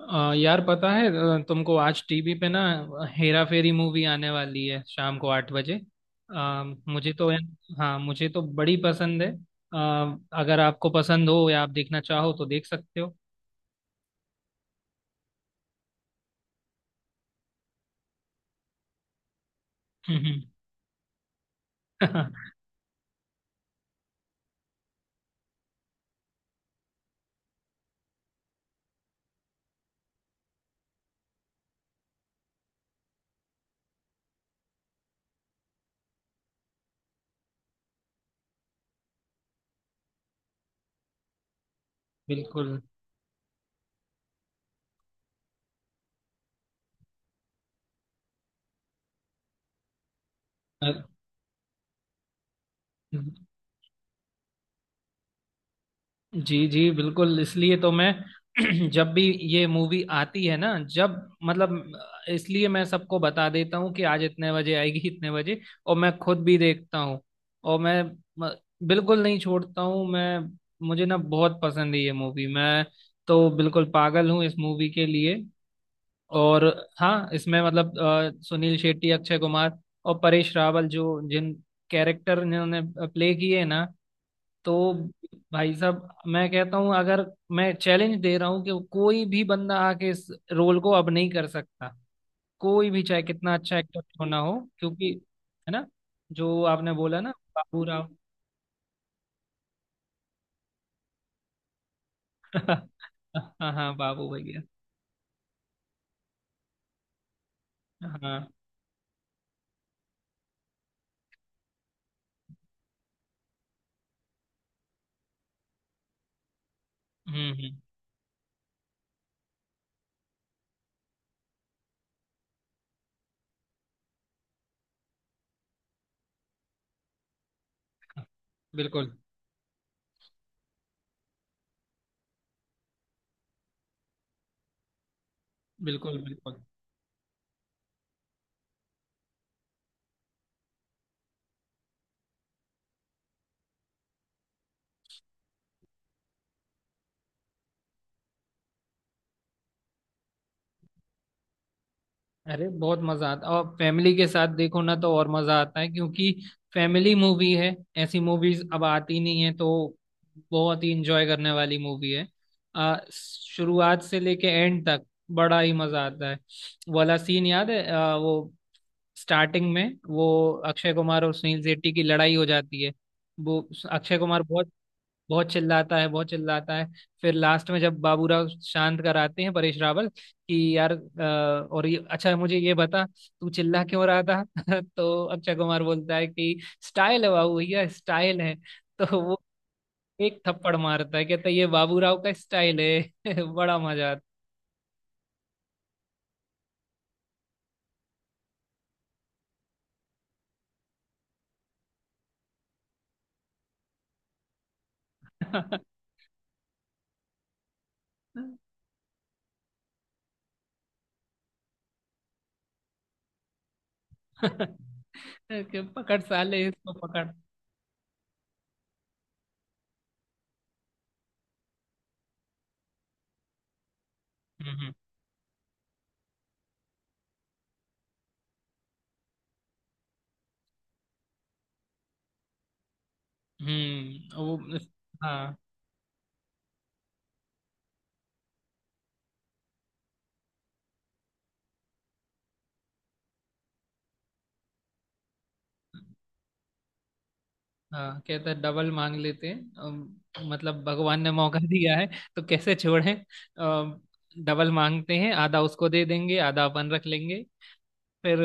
यार पता है तुमको, आज टीवी पे ना हेरा फेरी मूवी आने वाली है शाम को 8 बजे। अ, मुझे तो हाँ, मुझे तो बड़ी पसंद है। अ, अगर आपको पसंद हो या आप देखना चाहो तो देख सकते हो। बिल्कुल। जी जी, बिल्कुल, इसलिए तो मैं, जब भी ये मूवी आती है ना, जब मतलब, इसलिए मैं सबको बता देता हूँ कि आज इतने बजे आएगी, इतने बजे, और मैं खुद भी देखता हूँ। और मैं म- बिल्कुल नहीं छोड़ता हूँ मैं। मुझे ना बहुत पसंद है ये मूवी। मैं तो बिल्कुल पागल हूँ इस मूवी के लिए। और हाँ, इसमें मतलब सुनील शेट्टी, अक्षय कुमार और परेश रावल, जो जिन कैरेक्टर इन्होंने प्ले किए ना, तो भाई साहब, मैं कहता हूँ, अगर मैं चैलेंज दे रहा हूँ कि कोई भी बंदा आके इस रोल को अब नहीं कर सकता। कोई भी, चाहे कितना अच्छा एक्टर क्यों ना हो, क्योंकि, है ना, जो आपने बोला ना, बाबू राव। हाँ हाँ, बाबू भैया। हाँ। हम्म। हाँ, बिल्कुल बिल्कुल। बिल्कुल। अरे, बहुत मजा आता है, और फैमिली के साथ देखो ना तो और मजा आता है, क्योंकि फैमिली मूवी है। ऐसी मूवीज अब आती नहीं है, तो बहुत ही इंजॉय करने वाली मूवी है। शुरुआत से लेके एंड तक बड़ा ही मजा आता है। वो वाला सीन याद है, वो स्टार्टिंग में, वो अक्षय कुमार और सुनील शेट्टी की लड़ाई हो जाती है। वो अक्षय कुमार बहुत बहुत चिल्लाता है, बहुत चिल्लाता है। फिर लास्ट में जब बाबूराव शांत कराते हैं, परेश रावल, कि यार, और ये, अच्छा मुझे ये बता तू चिल्ला क्यों रहा था। तो अक्षय कुमार बोलता है कि स्टाइल है बाबू भैया, स्टाइल है। तो वो एक थप्पड़ मारता है, कहता है ये बाबूराव का स्टाइल है। बड़ा मजा आता है। कि पकड़, साले इसको पकड़। हम्म। वो, हाँ हाँ, कहते हैं डबल मांग लेते हैं। मतलब भगवान ने मौका दिया है, तो कैसे छोड़ें। अम, डबल मांगते हैं, आधा उसको दे देंगे, आधा अपन रख लेंगे। फिर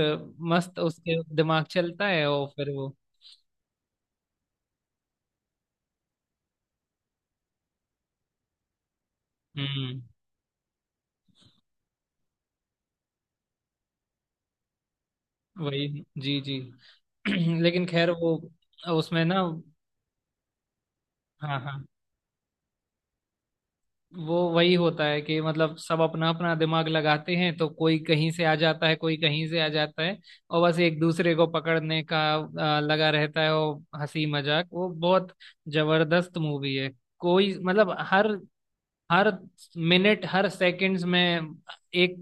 मस्त उसके दिमाग चलता है, और फिर वो, हम्म। वही, जी जी। लेकिन खैर, वो उसमें ना, हाँ हाँ, वो वही होता है कि मतलब, सब अपना अपना दिमाग लगाते हैं, तो कोई कहीं से आ जाता है, कोई कहीं से आ जाता है। और बस एक दूसरे को पकड़ने का लगा रहता है। वो हंसी मजाक, वो बहुत जबरदस्त मूवी है। कोई मतलब, हर हर मिनट, हर सेकंड्स में एक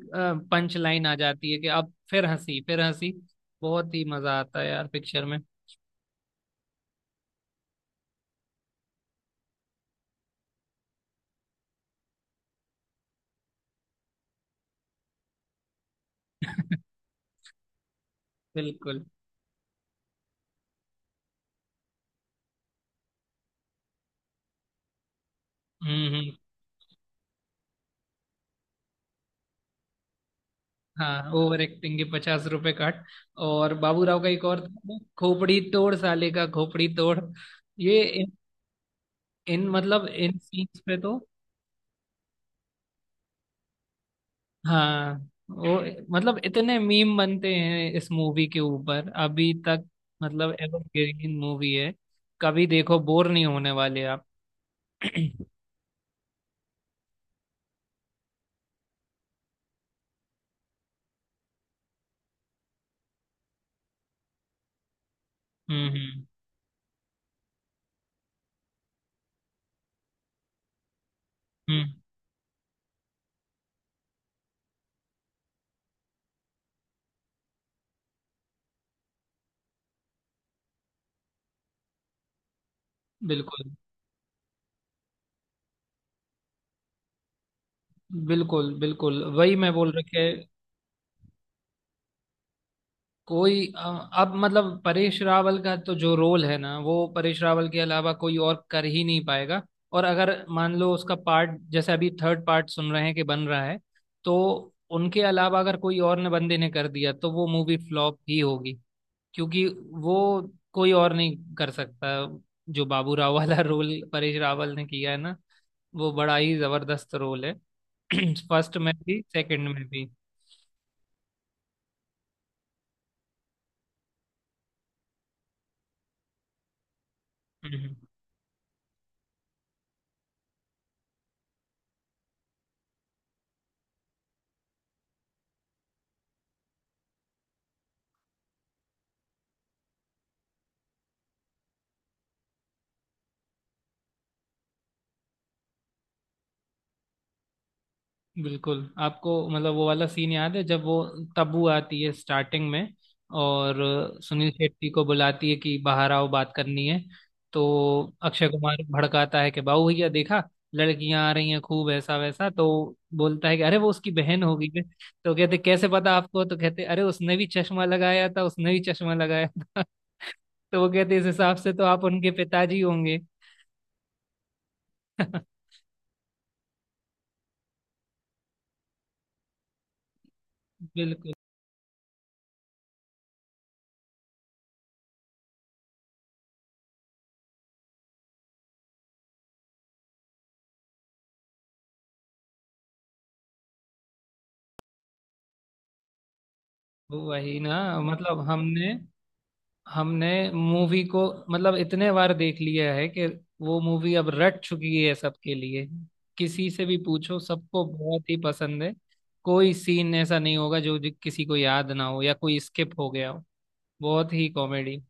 पंच लाइन आ जाती है, कि अब फिर हंसी, फिर हंसी। बहुत ही मजा आता है यार पिक्चर में। बिल्कुल। हम्म हम्म। हाँ, ओवर एक्टिंग के 50 रुपए काट। और बाबूराव का एक और था, खोपड़ी तोड़, साले का खोपड़ी तोड़। ये इन, इन मतलब इन सीन्स पे तो, हाँ, वो, मतलब इतने मीम बनते हैं इस मूवी के ऊपर अभी तक। मतलब एवरग्रीन मूवी है, कभी देखो बोर नहीं होने वाले आप। हम्म हम्म। हम्म, बिल्कुल बिल्कुल। बिल्कुल वही मैं बोल रखे। कोई, अब मतलब, परेश रावल का तो जो रोल है ना, वो परेश रावल के अलावा कोई और कर ही नहीं पाएगा। और अगर मान लो उसका पार्ट, जैसे अभी थर्ड पार्ट सुन रहे हैं कि बन रहा है, तो उनके अलावा अगर कोई और ने, बंदे ने कर दिया, तो वो मूवी फ्लॉप ही होगी, क्योंकि वो कोई और नहीं कर सकता। जो बाबू राव वाला रोल परेश रावल ने किया है ना, वो बड़ा ही जबरदस्त रोल है। फर्स्ट में भी, सेकंड में भी। हम्म हम्म। बिल्कुल, आपको, मतलब, वो वाला सीन याद है, जब वो तब्बू आती है स्टार्टिंग में, और सुनील शेट्टी को बुलाती है कि बाहर आओ, बात करनी है। तो अक्षय कुमार भड़काता है, कि बाबू भैया देखा, लड़कियां आ रही हैं, खूब ऐसा वैसा। तो बोलता है कि अरे, वो उसकी बहन होगी बे। तो कहते कैसे पता आपको? तो कहते, अरे, उसने भी चश्मा लगाया था, उसने भी चश्मा लगाया था। तो वो कहते, इस हिसाब से तो आप उनके पिताजी होंगे। बिल्कुल। वही ना, मतलब हमने हमने मूवी को, मतलब इतने बार देख लिया है कि वो मूवी अब रट चुकी है सबके लिए। किसी से भी पूछो, सबको बहुत ही पसंद है। कोई सीन ऐसा नहीं होगा जो जो किसी को याद ना हो, या कोई स्किप हो गया हो। बहुत ही कॉमेडी।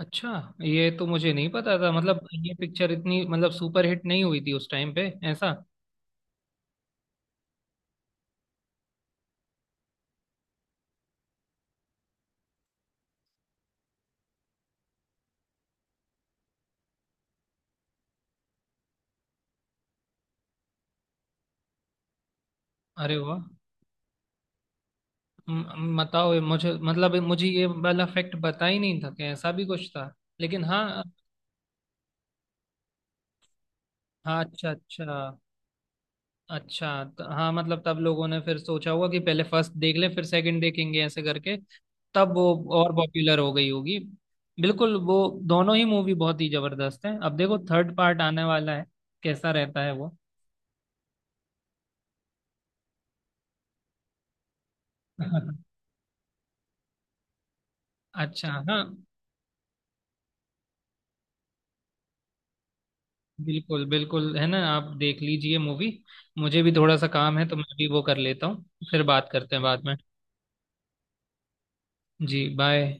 अच्छा, ये तो मुझे नहीं पता था, मतलब ये पिक्चर इतनी, मतलब, सुपर हिट नहीं हुई थी उस टाइम पे, ऐसा? अरे वाह। बताओ, ये मुझे, मतलब मुझे ये वाला फैक्ट पता ही नहीं था कि ऐसा भी कुछ था। लेकिन हाँ। हाँ, अच्छा अच्छा। अच्छा, तो हाँ, मतलब तब लोगों ने फिर सोचा होगा कि पहले फर्स्ट देख ले, फिर सेकंड देखेंगे, ऐसे करके तब वो और पॉपुलर हो गई होगी। बिल्कुल, वो दोनों ही मूवी बहुत ही जबरदस्त है। अब देखो थर्ड पार्ट आने वाला है, कैसा रहता है वो। अच्छा, हाँ, बिल्कुल बिल्कुल। है ना, आप देख लीजिए मूवी, मुझे भी थोड़ा सा काम है, तो मैं भी वो कर लेता हूँ। फिर बात करते हैं बाद में। जी, बाय।